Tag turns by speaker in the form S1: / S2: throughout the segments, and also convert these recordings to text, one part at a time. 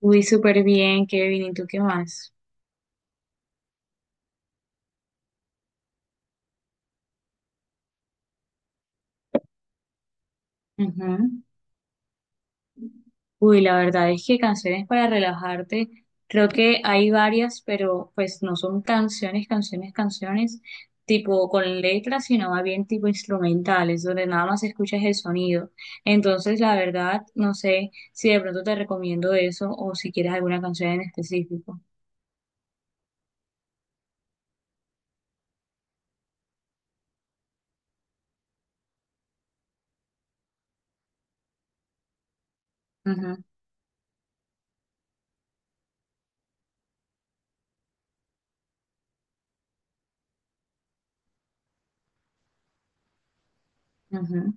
S1: Uy, súper bien, Kevin. ¿Y tú qué más? Ujú. Uy, la verdad es que canciones para relajarte, creo que hay varias, pero pues no son canciones, canciones, canciones, tipo con letras, sino más bien tipo instrumentales, donde nada más escuchas el sonido. Entonces, la verdad, no sé si de pronto te recomiendo eso o si quieres alguna canción en específico. Ujú, ujú.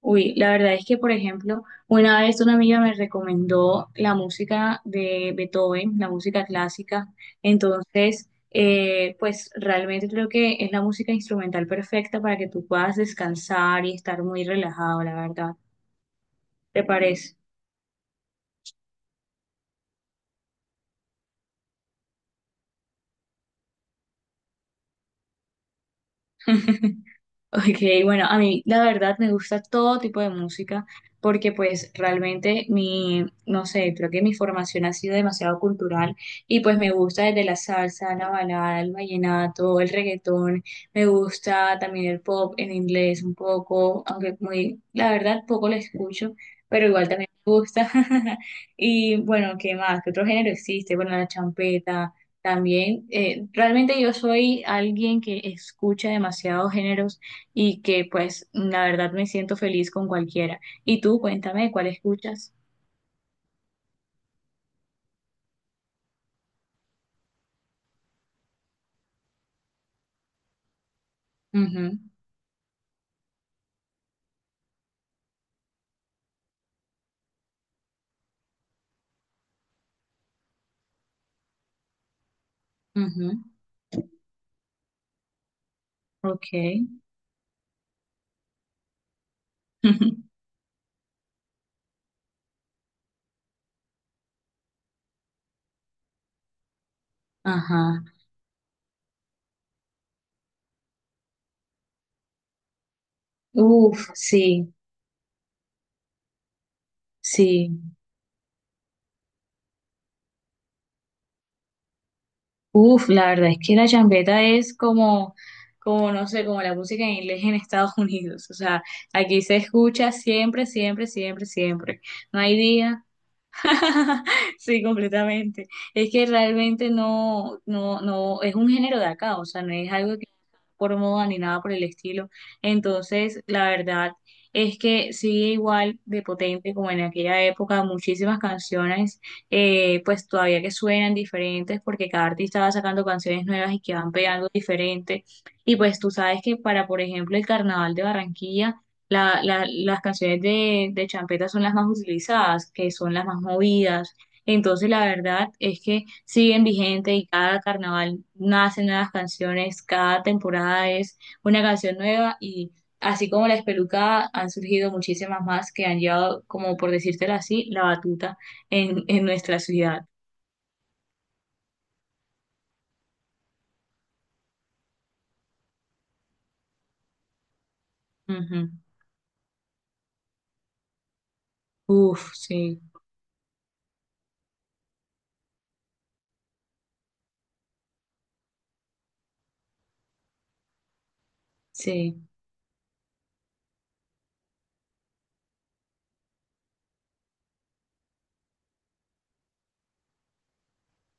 S1: Uy, la verdad es que, por ejemplo, una vez una amiga me recomendó la música de Beethoven, la música clásica. Entonces, pues realmente creo que es la música instrumental perfecta para que tú puedas descansar y estar muy relajado, la verdad. ¿Te parece? Ok, bueno, a mí la verdad me gusta todo tipo de música porque pues realmente mi, no sé, creo que mi formación ha sido demasiado cultural y pues me gusta desde la salsa, la balada, el vallenato, el reggaetón, me gusta también el pop en inglés un poco, aunque muy, la verdad poco lo escucho, pero igual también me gusta. Y bueno, ¿qué más? ¿Qué otro género existe? Bueno, la champeta. También, realmente yo soy alguien que escucha demasiados géneros y que pues la verdad me siento feliz con cualquiera. Y tú, cuéntame, ¿cuál escuchas? Ujú, ujú, ok. Ajá. Uf, sí, sí. Uf, la verdad es que la champeta es como, como no sé, como la música en inglés en Estados Unidos. O sea, aquí se escucha siempre, siempre, siempre, siempre. No hay día. Sí, completamente. Es que realmente no, no, no, es un género de acá, o sea, no es algo que por moda ni nada por el estilo. Entonces, la verdad es que sigue igual de potente como en aquella época, muchísimas canciones, pues todavía que suenan diferentes porque cada artista va sacando canciones nuevas y que van pegando diferente. Y pues tú sabes que para, por ejemplo, el Carnaval de Barranquilla, las canciones de champeta son las más utilizadas, que son las más movidas. Entonces, la verdad es que siguen vigente y cada carnaval nacen nuevas canciones, cada temporada es una canción nueva y así como la espelucada, han surgido muchísimas más que han llevado, como por decírtelo así, la batuta en nuestra ciudad. Ujú. Uf, sí, sí.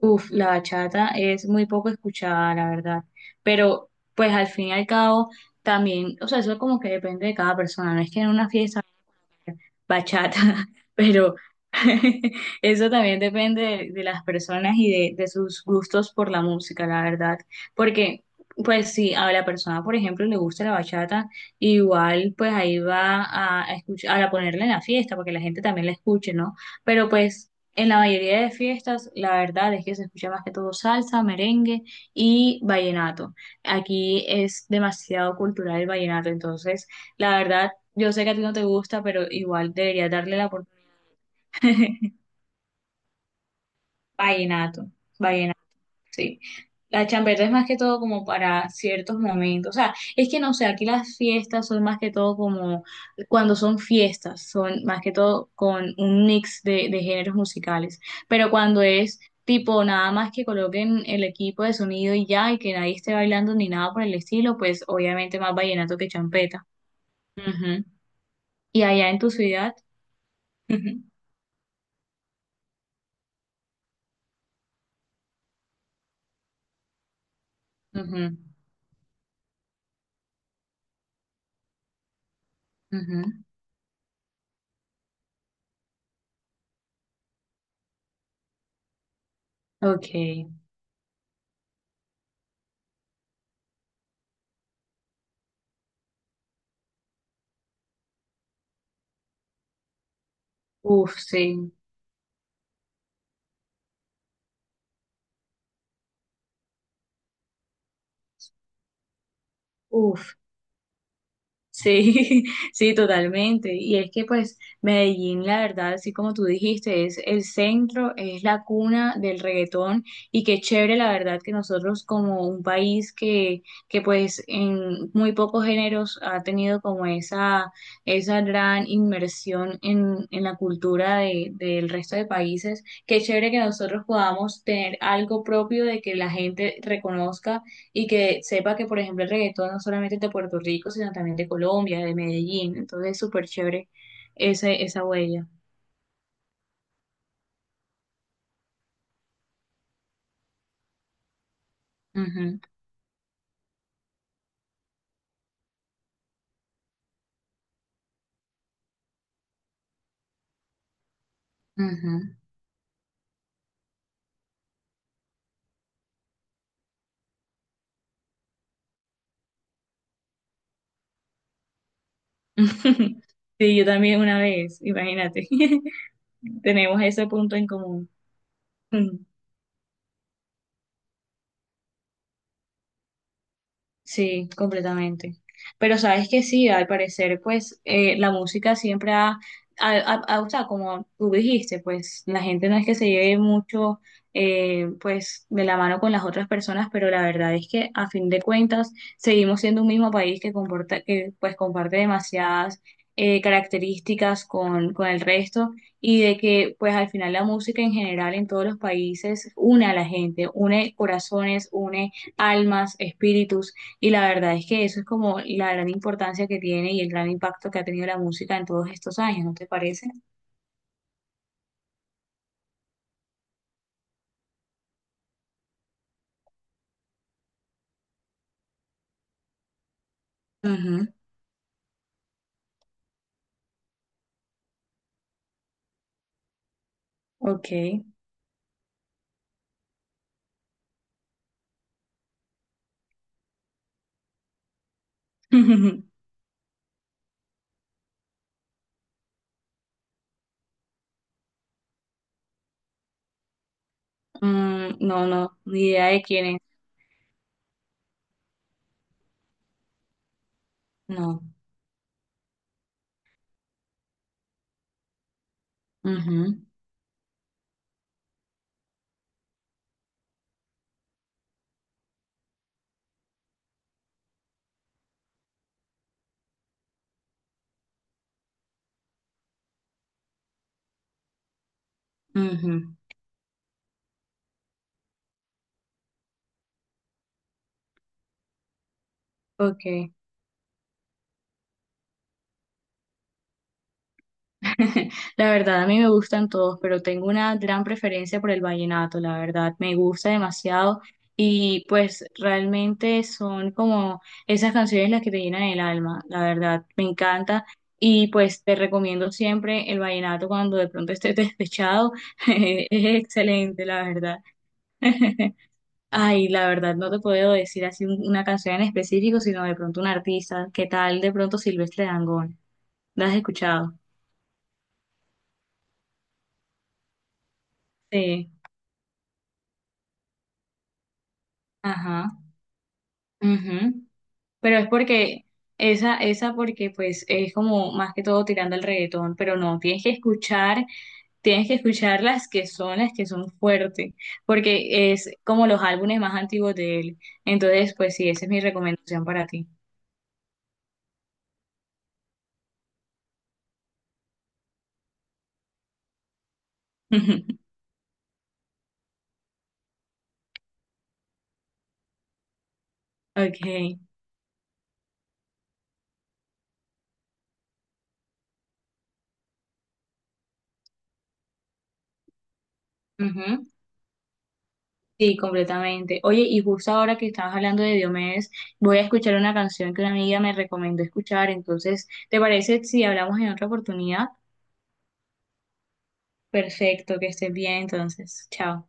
S1: Uf, la bachata es muy poco escuchada, la verdad. Pero, pues al fin y al cabo, también, o sea, eso como que depende de cada persona. No es que en una fiesta bachata, pero eso también depende de las personas y de sus gustos por la música, la verdad. Porque, pues, si a la persona, por ejemplo, le gusta la bachata, igual, pues ahí va a escuchar, a ponerla en la fiesta, porque la gente también la escuche, ¿no? Pero, pues, en la mayoría de fiestas, la verdad es que se escucha más que todo salsa, merengue y vallenato. Aquí es demasiado cultural el vallenato, entonces. La verdad, yo sé que a ti no te gusta, pero igual deberías darle la oportunidad. Vallenato, vallenato, sí. La champeta es más que todo como para ciertos momentos. O sea, es que no sé, aquí las fiestas son más que todo como cuando son fiestas, son más que todo con un mix de géneros musicales. Pero cuando es tipo nada más que coloquen el equipo de sonido y ya, y que nadie esté bailando ni nada por el estilo, pues obviamente más vallenato que champeta. Ujú. Y allá en tu ciudad. Ujú. Ujú, ok, uf, sí, uf, sí, sí, totalmente. Y es que pues Medellín, la verdad, así como tú dijiste, es el centro, es la cuna del reggaetón y qué chévere, la verdad, que nosotros como un país que pues en muy pocos géneros ha tenido como esa gran inmersión en la cultura de, del resto de países, qué chévere que nosotros podamos tener algo propio de que la gente reconozca y que sepa que, por ejemplo, el reggaetón no solamente es de Puerto Rico, sino también de Colombia, de Medellín. Entonces, es súper chévere ese, esa huella. Ujú, ujú. Sí, yo también una vez, imagínate. Tenemos ese punto en común. Sí, completamente. Pero sabes que sí, al parecer, pues la música siempre o sea, como tú dijiste, pues la gente no es que se lleve mucho, pues de la mano con las otras personas, pero la verdad es que a fin de cuentas seguimos siendo un mismo país que comporta, que pues comparte demasiadas características con el resto y de que pues al final la música en general en todos los países une a la gente, une corazones, une almas, espíritus. Y la verdad es que eso es como la gran importancia que tiene y el gran impacto que ha tenido la música en todos estos años, ¿no te parece? Ujú. Ok. Mm, no, no, ni idea de quién es. No. Ujú, ujú. Ok. La verdad, a mí me gustan todos, pero tengo una gran preferencia por el vallenato, la verdad, me gusta demasiado y pues realmente son como esas canciones las que te llenan el alma, la verdad, me encanta y pues te recomiendo siempre el vallenato cuando de pronto estés despechado, es excelente, la verdad. Ay, la verdad, no te puedo decir así una canción en específico, sino de pronto un artista, ¿qué tal de pronto Silvestre Dangond? ¿La has escuchado? Sí, ajá, ujú. Pero es porque esa porque pues es como más que todo tirando el reggaetón, pero no, tienes que escuchar las que son fuertes, porque es como los álbumes más antiguos de él. Entonces, pues sí, esa es mi recomendación para ti. Okay. Ujú. Sí, completamente. Oye, y justo ahora que estabas hablando de Diomedes, voy a escuchar una canción que una amiga me recomendó escuchar. Entonces, ¿te parece si hablamos en otra oportunidad? Perfecto, que estés bien entonces. Chao.